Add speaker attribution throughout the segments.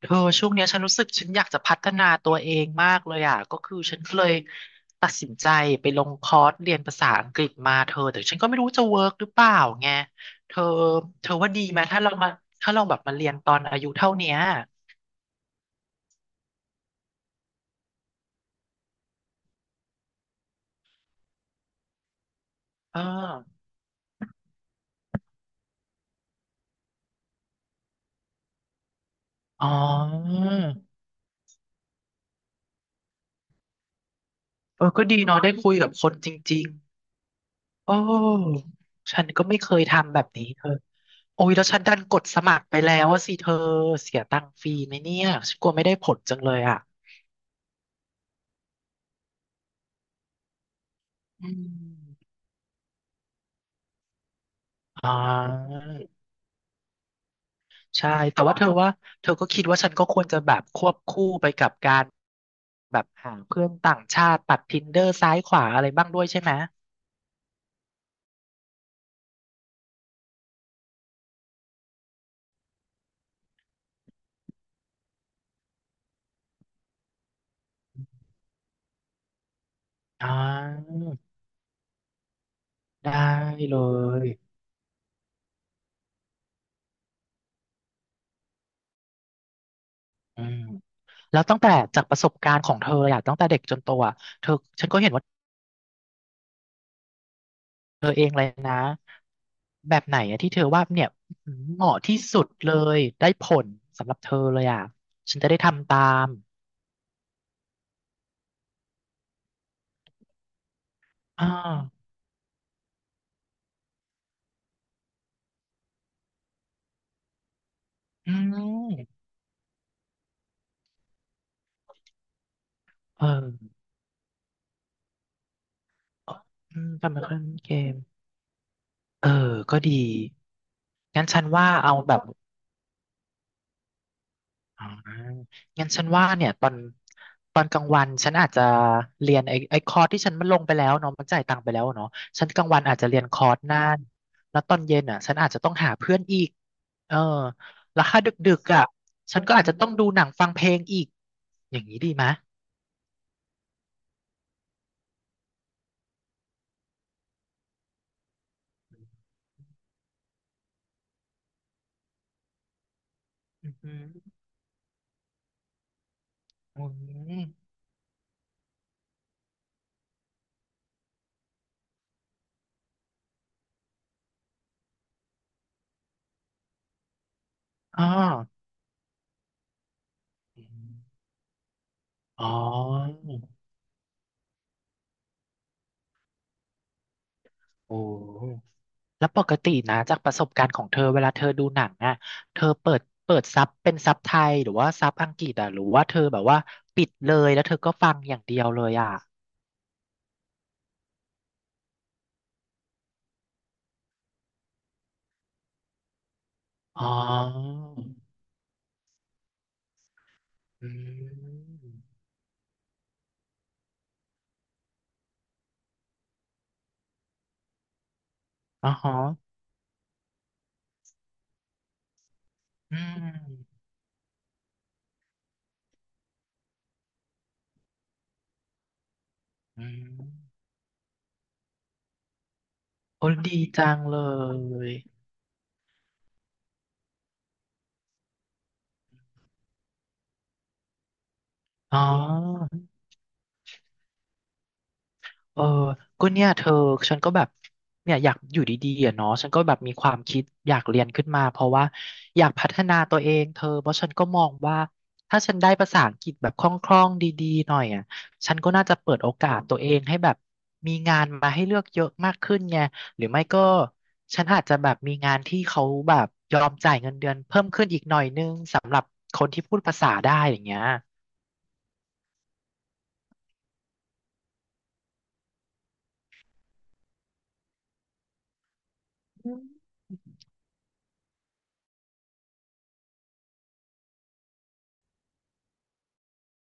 Speaker 1: เธอช่วงเนี้ยฉันรู้สึกฉันอยากจะพัฒนาตัวเองมากเลยอ่ะก็คือฉันก็เลยตัดสินใจไปลงคอร์สเรียนภาษาอังกฤษมาเธอแต่ฉันก็ไม่รู้จะเวิร์กหรือเปล่าไงเธอเธอว่าดีไหมถ้าเรามาถ้าเราแบบมาเรียนตอนอายุเท่าเนี้ยเอออ๋อเออก็ดีเนาะได้คุยกับคนจริงๆโอ้ฉันก็ไม่เคยทำแบบนี้เธอโอ้ยแล้วฉันดันกดสมัครไปแล้วว่าสิเธอเสียตังค์ฟรีไหมเนี่ยฉันกลัวไม่ได้ผลจังเลยอ่ะอืม อ่าใช่ แต่ว่าเธอว่า เธอก็คิดว่าฉันก็ควรจะแบบควบคู่ไปกับการแบบหาเพื่อนต่างชาติตัด Tinder ซ้ายขวาอะไรบ้างด้วยใช่ไหมอ่าได้เลยอืมแล้วตั้งแต่จากประสบการณ์ของเธออะตั้งแต่เด็กจนโตอะเธอฉันก็เห็นว่าเธอเองเลยนะ แบบไหนอะที่เธอว่าเนี่ยเหมาะที่สุดเลยได้ผลสำหรับเธอเลยอะฉันจะได้ทำตามอ่าอืมเออ อืมกรรมการเกมเออก็ดีงั้นฉันว่าเอาแบบอ่างั้นฉันว่าเนี่ยตอนตอนกลางวันฉันอาจจะเรียนไอ้ไอ้คอร์สที่ฉันมันลงไปแล้วเนาะมันจ่ายตังค์ไปแล้วเนาะฉันกลางวันอาจจะเรียนคอร์สนั่นแล้วตอนเย็นอ่ะฉันอาจจะต้องหาเพื่อนอีกเออแล้วถ้าดึกๆอ่ะฉันก็อาจจะต้องดูหนังฟังเพลงอีกอย่างนี้ดีไหมยอือหืออืมอ๋ออ๋อโอ้ แล้วปกตินะจากประสบการณ์ของเธอเวลาเธอดูหนังอ่ะเธอเปิดเปิดซับเป็นซับไทยหรือว่าซับอังกฤษอ่ะหรือว่าเธอแบบว่าปิดเลยแล้วเธอก็ฟังอย่างเดียวเลยอ่ะอ๋ออืมอ๋อฮะอืมอืมโอ้ดีจังเลยอ๋อ เออก็เนี่ยเธอฉันก็แบบเนี่ยอยากอยู่ดีๆอะเนาะฉันก็แบบมีความคิดอยากเรียนขึ้นมาเพราะว่าอยากพัฒนาตัวเองเธอเพราะฉันก็มองว่าถ้าฉันได้ภาษาอังกฤษแบบคล่องๆดีๆหน่อยอ่ะฉันก็น่าจะเปิดโอกาสตัวเองให้แบบมีงานมาให้เลือกเยอะมากขึ้นไงหรือไม่ก็ฉันอาจจะแบบมีงานที่เขาแบบยอมจ่ายเงินเดือนเพิ่มขึ้นอีกหน่อยนึงสำหรับคนที่พูดภาษาได้อย่างเงี้ย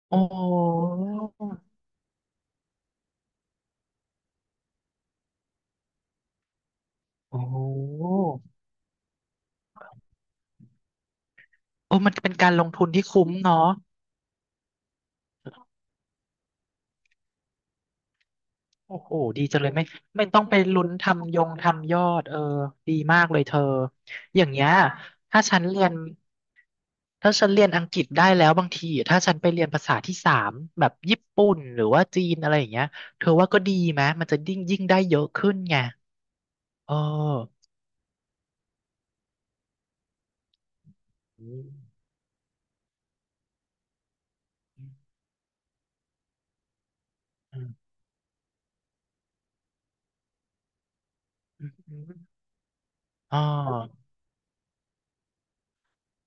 Speaker 1: โอ้โหโอ้โห โอ้มันเป็นการลงทุนที่คุ้มเนาะโอ้โหดีจังเลยไม่ไม่ต้องไปลุ้นทำยงทำยอดเออดีมากเลยเธออย่างเงี้ยถ้าฉันเรียนถ้าฉันเรียนอังกฤษได้แล้วบางทีถ้าฉันไปเรียนภาษาที่สามแบบญี่ปุ่นหรือว่าจีนอะไรอย่างเงี้ยเธอว่าก็ดีไหมมันจะยิ่งยิ่งได้เยอะขึ้นไงเอออืมอืมอืมอ๋อ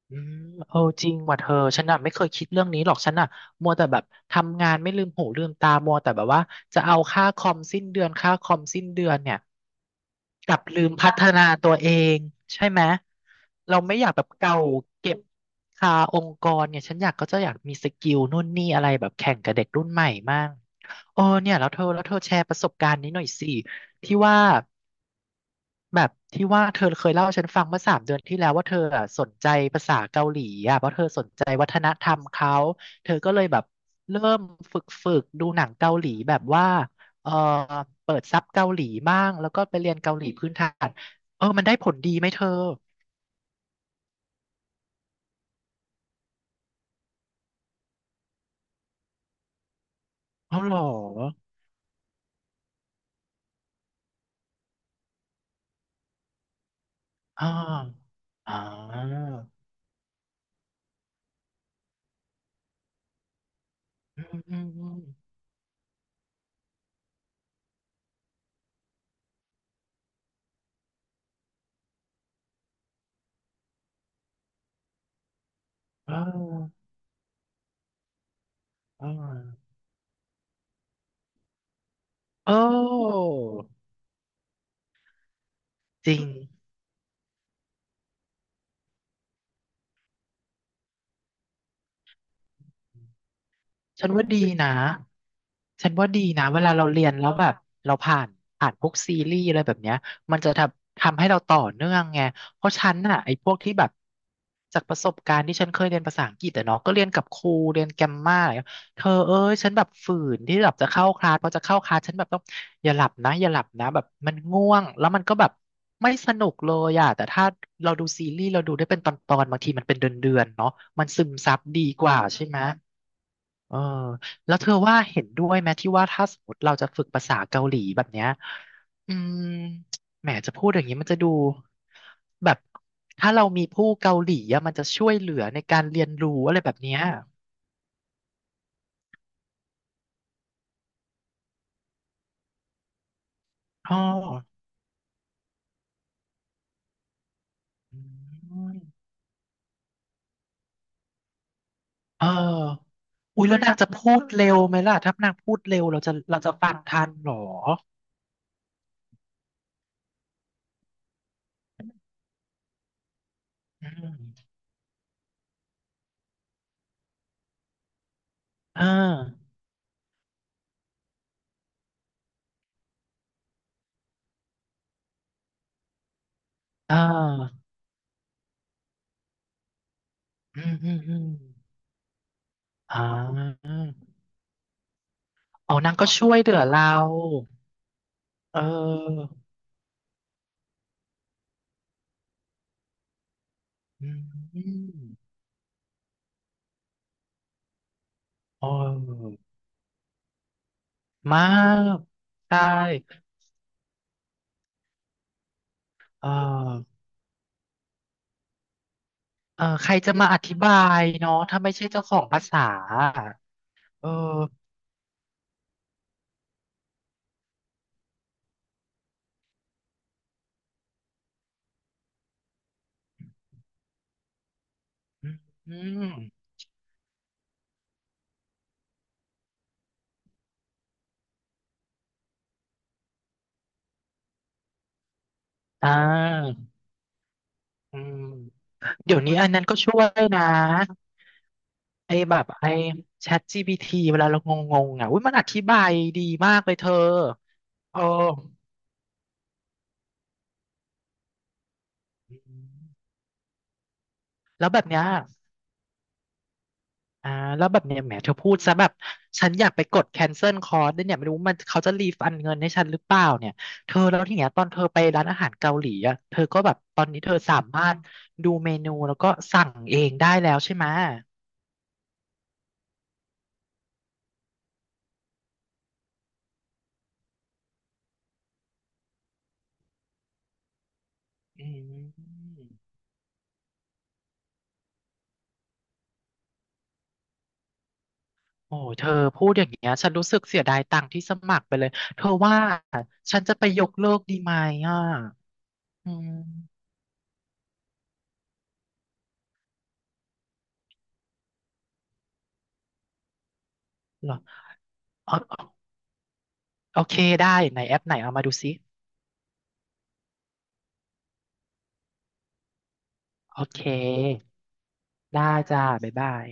Speaker 1: อืมเออจริงว่ะเธอฉันน่ะไม่เคยคิดเรื่องนี้หรอกฉันน่ะมัวแต่แบบทำงานไม่ลืมหูลืมตามัวแต่แบบว่าจะเอาค่าคอมสิ้นเดือนค่าคอมสิ้นเดือนเนี่ยกลับลืมพัฒนาตัวเองใช่ไหมเราไม่อยากแบบเก่าเก็บคาองค์กรเนี่ยฉันอยากก็จะอยากมีสกิลนู่นนี่อะไรแบบแข่งกับเด็กรุ่นใหม่มากเออเนี่ยแล้วเธอแล้วเธอแชร์ประสบการณ์นี้หน่อยสิที่ว่า แบบที่ว่าเธอเคยเล่าให้ฉันฟังเมื่อสามเดือนที่แล้วว่าเธออะสนใจภาษาเกาหลีอ่ะเพราะเธอสนใจวัฒนธรรมเขาเธอก็เลยแบบเริ่มฝึกดูหนังเกาหลีแบบว่าเออเปิดซับเกาหลีบ้างแล้วก็ไปเรียนเกาหลีพื้นฐานเออมันได้ผลดีไหมเธอเอาเหรออ่าอ่าอืมอืมอืมเออเออโอ้จริง ฉันว่าดีนะฉันว่าดีนะเวลาเราเรียนแล้วแบบเราผ่านพวกซีรีส์อะไรแบบเนี้ยมันจะทำให้เราต่อเนื่องไงเพราะฉันน่ะไอ้พวกที่แบบจากประสบการณ์ที่ฉันเคยเรียนภาษาอังกฤษอะเนาะก็เรียนกับครูเรียนแกรมมาอะไรเงี้ยเธอเอ้ยฉันแบบฝืนที่แบบจะเข้าคลาสพอจะเข้าคลาสฉันแบบต้องอย่าหลับนะอย่าหลับนะแบบมันง่วงแล้วมันก็แบบไม่สนุกเลยอะแต่ถ้าเราดูซีรีส์เราดูได้เป็นตอนๆบางทีมันเป็นเดือนๆเนาะมันซึมซับดีกว่าใช่ไหม เออแล้วเธอว่าเห็นด้วยไหมที่ว่าถ้าสมมติเราจะฝึกภาษาเกาหลีแบบเนี้ยอืมแหมจะพูดอย่างนี้มันจะดูแบบถ้าเรามีผู้เกาหลีอะมันจะช่วยเหลือในการเรียนรู้อะไรแบบเนี้ยอ๋ออืมเอออุ้ยแล้วนางจะพูดเร็วไหมล่ะถ้านางพูดเร็วเราจะเราจะฟังทันเหรออืมเอ่าอ่าอืมอืมอืมอ่าอ๋อนางก็ช่วยเหลือเราเออ อืมเออมากใช่เออเออใครจะมาอธิบายเนาะ ถ้าไม่ใช่เจ้าของภาษาอะเอออืมอ่าอืม เดี๋ยวนี้อันนั้นก็ช่วยนะไอ้แบบไอ้ Chat GPT เวลาเรางงๆอ่ะอุ้ยมันอธิบายดีมากเลยเธอเออแล้วแบบเนี้ย อ่าแล้วแบบเนี่ยแหมเธอพูดซะแบบฉันอยากไปกดแคนเซิลคอร์สด้วยเนี่ยไม่รู้มันเขาจะรีฟันเงินให้ฉันหรือเปล่าเนี่ยเธอแล้วที่เนี้ยตอนเธอไปร้านอาหารเกาหลีอ่ะเธอก็แบบตอนนี้เธอสามารถดูเมนูแล้วก็สั่งเองได้แล้วใช่ไหมอืมโอ้เธอพูดอย่างเงี้ยฉันรู้สึกเสียดายตังค์ที่สมัครไปเลยเธอว่าฉันจะไปยกเลิกดีไหมอ่ะอืมเหรออ๋อโอเคได้ไหนแอปไหนเอามาดูซิโอเคได้จ้าบ๊ายบาย